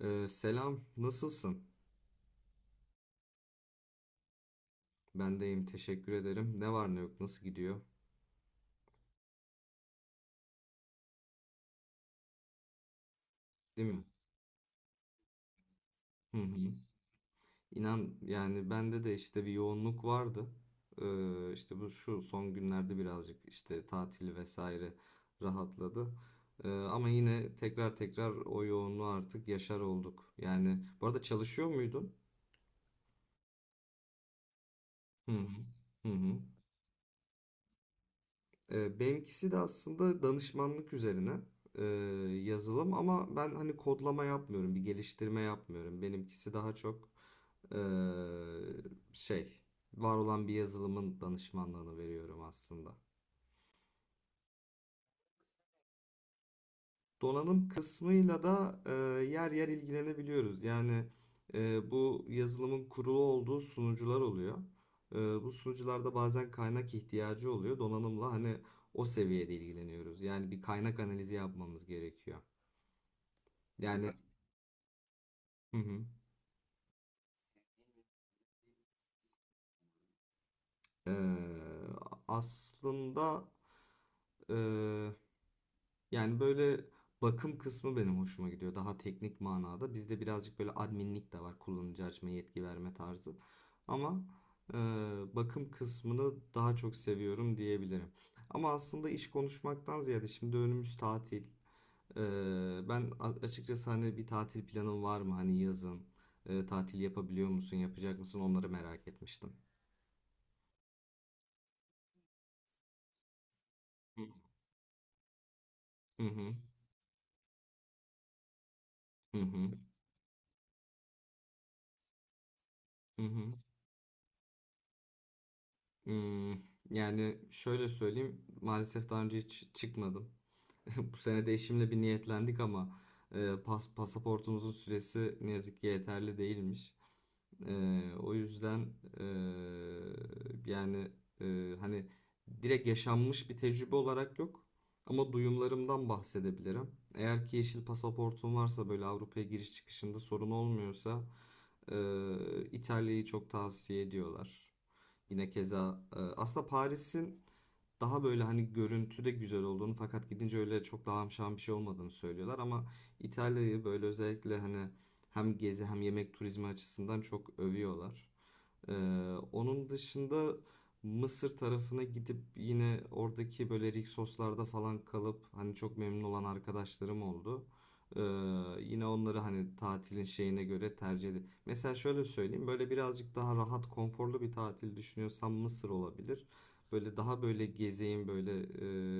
Selam, nasılsın? Ben deyim, teşekkür ederim. Ne var ne yok, nasıl gidiyor? Değil mi? Hı hı. İnan yani bende de işte bir yoğunluk vardı. İşte bu son günlerde birazcık işte tatil vesaire rahatladı. Ama yine tekrar tekrar o yoğunluğu artık yaşar olduk. Yani bu arada çalışıyor muydun? Hı hı. Hı hı. Benimkisi de aslında danışmanlık üzerine, e, yazılım, ama ben hani kodlama yapmıyorum, bir geliştirme yapmıyorum. Benimkisi daha çok, e, şey, var olan bir yazılımın danışmanlığını veriyorum aslında. Donanım kısmıyla da, yer yer ilgilenebiliyoruz. Yani bu yazılımın kurulu olduğu sunucular oluyor. E, bu sunucularda bazen kaynak ihtiyacı oluyor. Donanımla hani o seviyede ilgileniyoruz. Yani bir kaynak analizi yapmamız gerekiyor. Yani. Hı hı. Ee, aslında, ee, yani böyle bakım kısmı benim hoşuma gidiyor. Daha teknik manada. Bizde birazcık böyle adminlik de var. Kullanıcı açma yetki verme tarzı. Ama e, bakım kısmını daha çok seviyorum diyebilirim. Ama aslında iş konuşmaktan ziyade şimdi önümüz tatil. E, ben açıkçası hani bir tatil planın var mı? Hani yazın tatil yapabiliyor musun? Yapacak mısın? Onları merak etmiştim. Hı. Hı. Hı hı, hı hı. Hmm, yani şöyle söyleyeyim, maalesef daha önce hiç çıkmadım. Bu sene de eşimle bir niyetlendik ama pasaportumuzun süresi ne yazık ki yeterli değilmiş. O yüzden, e, yani, hani direkt yaşanmış bir tecrübe olarak yok, ama duyumlarımdan bahsedebilirim. Eğer ki yeşil pasaportum varsa, böyle Avrupa'ya giriş çıkışında sorun olmuyorsa, e, İtalya'yı çok tavsiye ediyorlar. Yine keza aslında Paris'in daha böyle hani görüntüde güzel olduğunu, fakat gidince öyle çok da hamşan bir şey olmadığını söylüyorlar, ama İtalya'yı böyle özellikle hani hem gezi hem yemek turizmi açısından çok övüyorlar. Onun dışında Mısır tarafına gidip yine oradaki böyle Rixos'larda falan kalıp hani çok memnun olan arkadaşlarım oldu. Ee, yine onları hani tatilin şeyine göre tercih edin. Mesela şöyle söyleyeyim, böyle birazcık daha rahat konforlu bir tatil düşünüyorsam Mısır olabilir. Böyle daha böyle gezeyim, böyle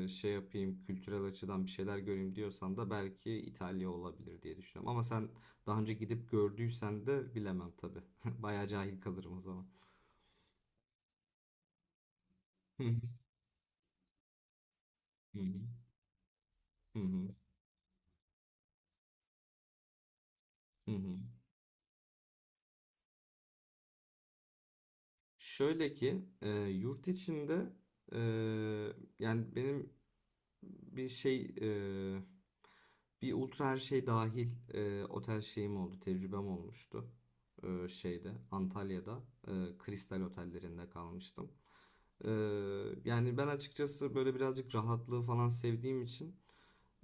şey yapayım, kültürel açıdan bir şeyler göreyim diyorsan da belki İtalya olabilir diye düşünüyorum. Ama sen daha önce gidip gördüysen de bilemem tabii. Bayağı cahil kalırım o zaman. Hı hı, hı hı, hı hı, hı. Şöyle ki yurt içinde, e, yani benim bir şey e, bir ultra her şey dahil otel şeyim oldu, tecrübem olmuştu. Antalya'da, Kristal otellerinde kalmıştım. E, yani ben açıkçası böyle birazcık rahatlığı falan sevdiğim için,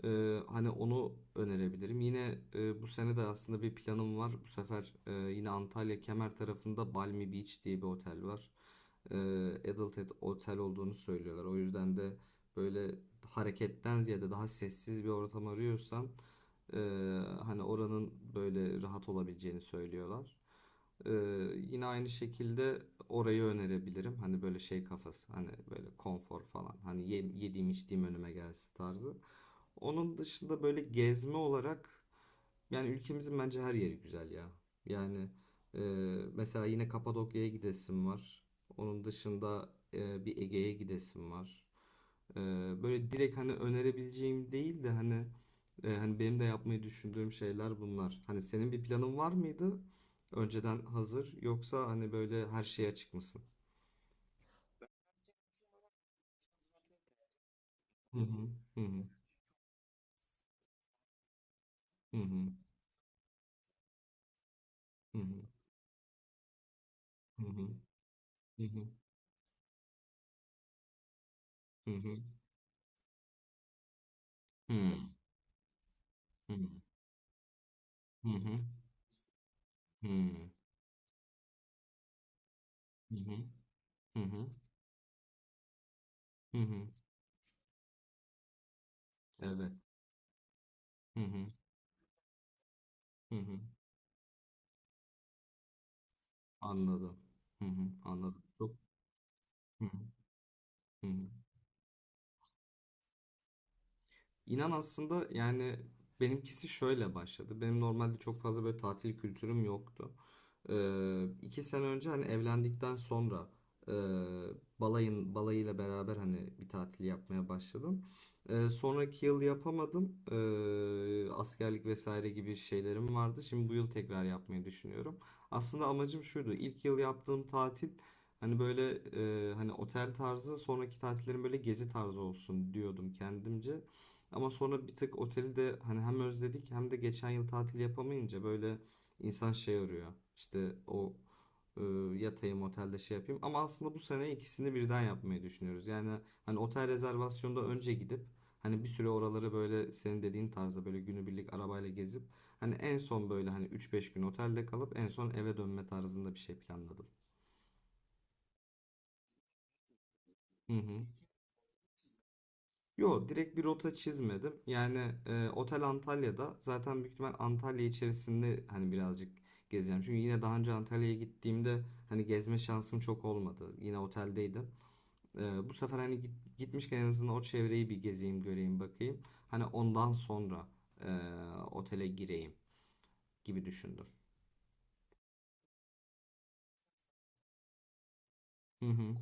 Hani onu önerebilirim. Yine bu sene de aslında bir planım var. Bu sefer yine Antalya Kemer tarafında Balmy Beach diye bir otel var. Ee, Adult otel olduğunu söylüyorlar. O yüzden de böyle hareketten ziyade daha sessiz bir ortam arıyorsan, e, hani oranın böyle rahat olabileceğini söylüyorlar. Ee, yine aynı şekilde orayı önerebilirim. Hani böyle şey kafası, hani böyle konfor falan. Hani yediğim içtiğim önüme gelsin tarzı. Onun dışında böyle gezme olarak, yani ülkemizin bence her yeri güzel ya. Yani e, mesela yine Kapadokya'ya gidesim var. Onun dışında bir Ege'ye gidesim var. E, böyle direkt hani önerebileceğim değil de, hani hani benim de yapmayı düşündüğüm şeyler bunlar. Hani senin bir planın var mıydı? Önceden hazır, yoksa hani böyle her şeye açık mısın? Hı hı, hı hı, hı hı, hı hı, hı hı, hı hı, hı hı, hı hı. Hı. Hmm. Hı hı. Hı hı. Hı hı. Evet. Hı hı. Hı hı. Anladım. Hı hı. Anladım. Çok. Hı hı. Hı hı. İnan aslında yani benimkisi şöyle başladı. Benim normalde çok fazla böyle tatil kültürüm yoktu. 2 sene önce, hani evlendikten sonra, e, balayıyla beraber hani bir tatil yapmaya başladım. Sonraki yıl yapamadım. Askerlik vesaire gibi şeylerim vardı. Şimdi bu yıl tekrar yapmayı düşünüyorum. Aslında amacım şuydu. İlk yıl yaptığım tatil, hani böyle hani otel tarzı, sonraki tatillerim böyle gezi tarzı olsun diyordum kendimce. Ama sonra bir tık oteli de hani hem özledik, hem de geçen yıl tatil yapamayınca böyle insan şey arıyor. İşte o, e, yatayım otelde, şey yapayım. Ama aslında bu sene ikisini birden yapmayı düşünüyoruz. Yani hani otel rezervasyonda önce gidip, hani bir süre oraları böyle senin dediğin tarzda böyle günübirlik arabayla gezip, hani en son böyle hani üç beş gün otelde kalıp en son eve dönme tarzında bir şey planladım. Hı hı. Yo, direkt bir rota çizmedim. Yani otel Antalya'da zaten, büyük ihtimal Antalya içerisinde hani birazcık gezeceğim. Çünkü yine daha önce Antalya'ya gittiğimde hani gezme şansım çok olmadı. Yine oteldeydim. Bu sefer hani gitmişken en azından o çevreyi bir gezeyim, göreyim, bakayım. Hani ondan sonra e, otele gireyim gibi düşündüm. Hı hı,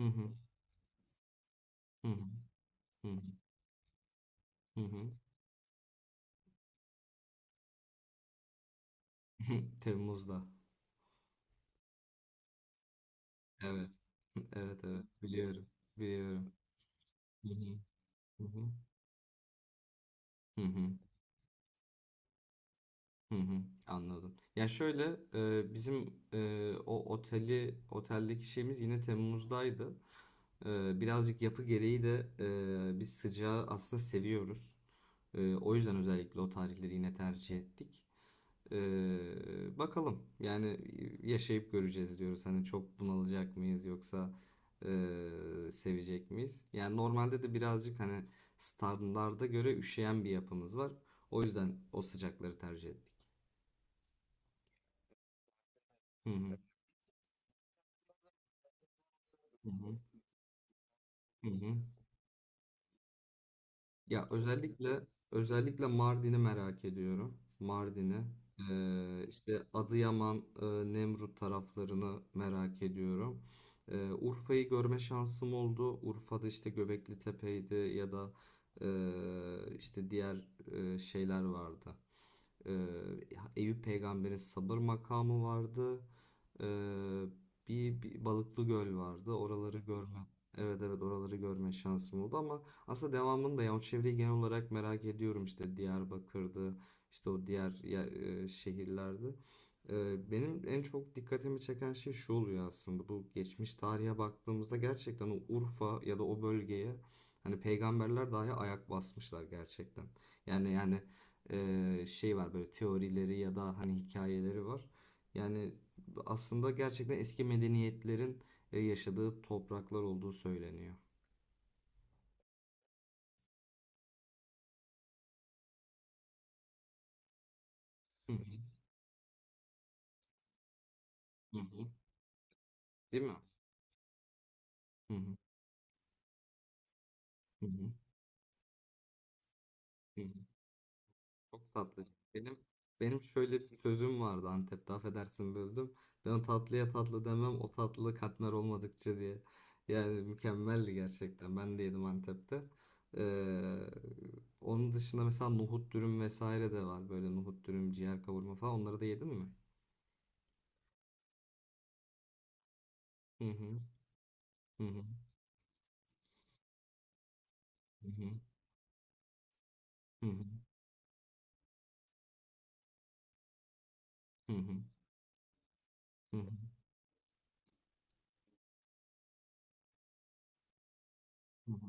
hı hı, hı hı, hı hı. Hı. Hı. Temmuz'da. Evet. Evet, evet, biliyorum. Biliyorum. Hı hı, hı hı. Hı hı. Hı hı, anladım. Ya şöyle, bizim, o oteli oteldeki şeyimiz yine Temmuz'daydı. Birazcık yapı gereği de, biz sıcağı aslında seviyoruz. O yüzden özellikle o tarihleri yine tercih ettik. E, bakalım yani, yaşayıp göreceğiz diyoruz. Hani çok bunalacak mıyız, yoksa e, sevecek miyiz? Yani normalde de birazcık hani standarda göre üşüyen bir yapımız var. O yüzden o sıcakları tercih ettik. Hı hı. Hı hı. Hı hı. Ya özellikle, Mardin'i merak ediyorum. Mardin'i. İşte Adıyaman, Nemrut taraflarını merak ediyorum. Urfa'yı görme şansım oldu. Urfa'da işte Göbekli Tepe'ydi, ya da işte diğer şeyler vardı. Ee, Eyüp Peygamber'in sabır makamı vardı. Ee, bir Balıklı Göl vardı. Oraları görme. Evet, evet, oraları görme şansım oldu, ama aslında devamını da, yani o çevreyi genel olarak merak ediyorum, işte Diyarbakır'dı, işte o diğer şehirlerde. Benim en çok dikkatimi çeken şey şu oluyor aslında: bu geçmiş tarihe baktığımızda gerçekten o Urfa ya da o bölgeye hani peygamberler dahi ayak basmışlar gerçekten. Yani şey var, böyle teorileri ya da hani hikayeleri var. Yani aslında gerçekten eski medeniyetlerin yaşadığı topraklar olduğu söyleniyor. Hı. Hı hı. Hı. Değil mi? Hı hı. Hı hı. Hı hı. Çok tatlı. Benim benim şöyle bir sözüm vardı Antep'te, affedersin böldüm. Ben o tatlıya tatlı demem o tatlı katmer olmadıkça diye. Yani mükemmeldi gerçekten. Ben de yedim Antep'te. Ee, onun dışında mesela nohut dürüm vesaire de var. Böyle nohut dürüm, ciğer kavurma falan. Onları da yedin mi? Hı hı. Hı hı. Hı hı. Hı hı. Hı hı. Hı hı. Hı hı.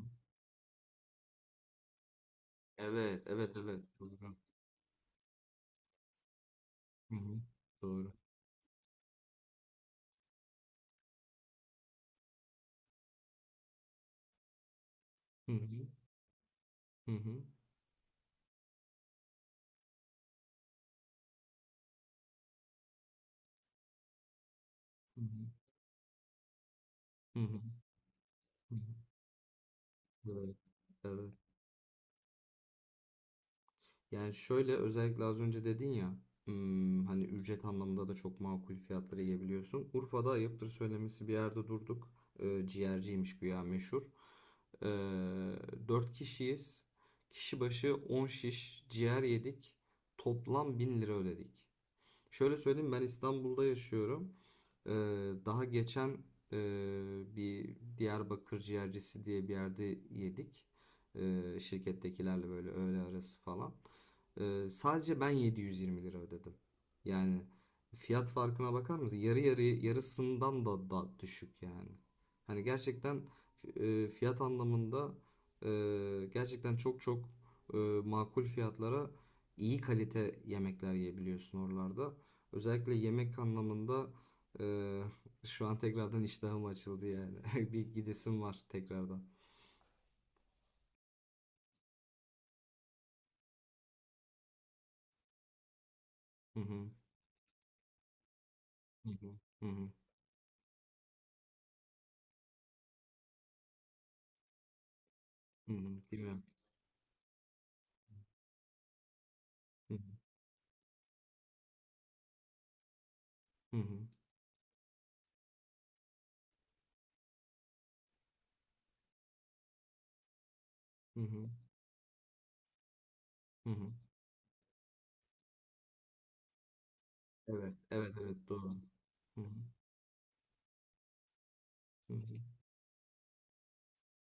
Evet, evet, evet. Doğru. Hı hı. Doğru. Hı hı. Hı hı. Hı hı. Hı hı. Hı hı. Evet. Evet. Yani şöyle, özellikle az önce dedin ya, hani ücret anlamında da çok makul fiyatları yiyebiliyorsun. Urfa'da ayıptır söylemesi bir yerde durduk. Ciğerciymiş güya meşhur. Ee, 4 kişiyiz. Kişi başı 10 şiş ciğer yedik. Toplam 1.000 lira ödedik. Şöyle söyleyeyim, ben İstanbul'da yaşıyorum. Ee, daha geçen, e, bir Diyarbakır ciğercisi diye bir yerde yedik. Şirkettekilerle böyle öğle arası falan. Sadece ben 720 lira ödedim. Yani fiyat farkına bakar mısın? Yarısından da düşük yani. Hani gerçekten fiyat anlamında, e, gerçekten çok çok e, makul fiyatlara iyi kalite yemekler yiyebiliyorsun oralarda. Özellikle yemek anlamında e, şu an tekrardan iştahım açıldı yani. Bir gidesim var tekrardan. Hı hı. Hı hı. Hı hı. Hı hı. Değil mi? Hı hı. Hı hı. Hı hı. Hı hı. Evet. Evet. Evet. Doğru. Hı hı. Hı hı.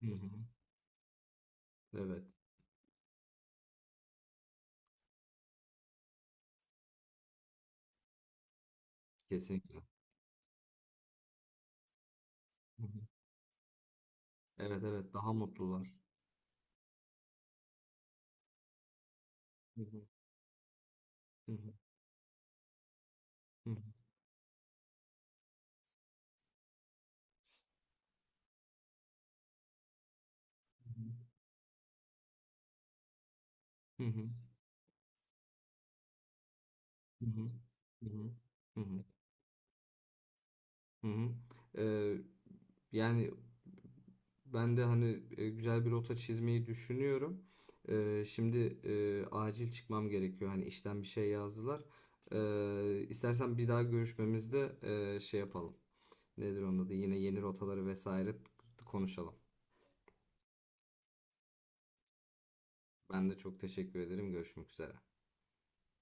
Hı hı. Evet. Kesinlikle. Hı hı. Evet. Evet. Daha mutlular. Hı hı. Hı hı. Hı hı. Hı hı. Hı hı. Hı hı. Hı hı. Hı hı. Hı hı. Ee, yani ben de hani güzel bir rota çizmeyi düşünüyorum. Şimdi acil çıkmam gerekiyor. Hani işten bir şey yazdılar. İstersen bir daha görüşmemizde şey yapalım. Nedir onun adı? Yine yeni rotaları vesaire konuşalım. Ben de çok teşekkür ederim. Görüşmek üzere.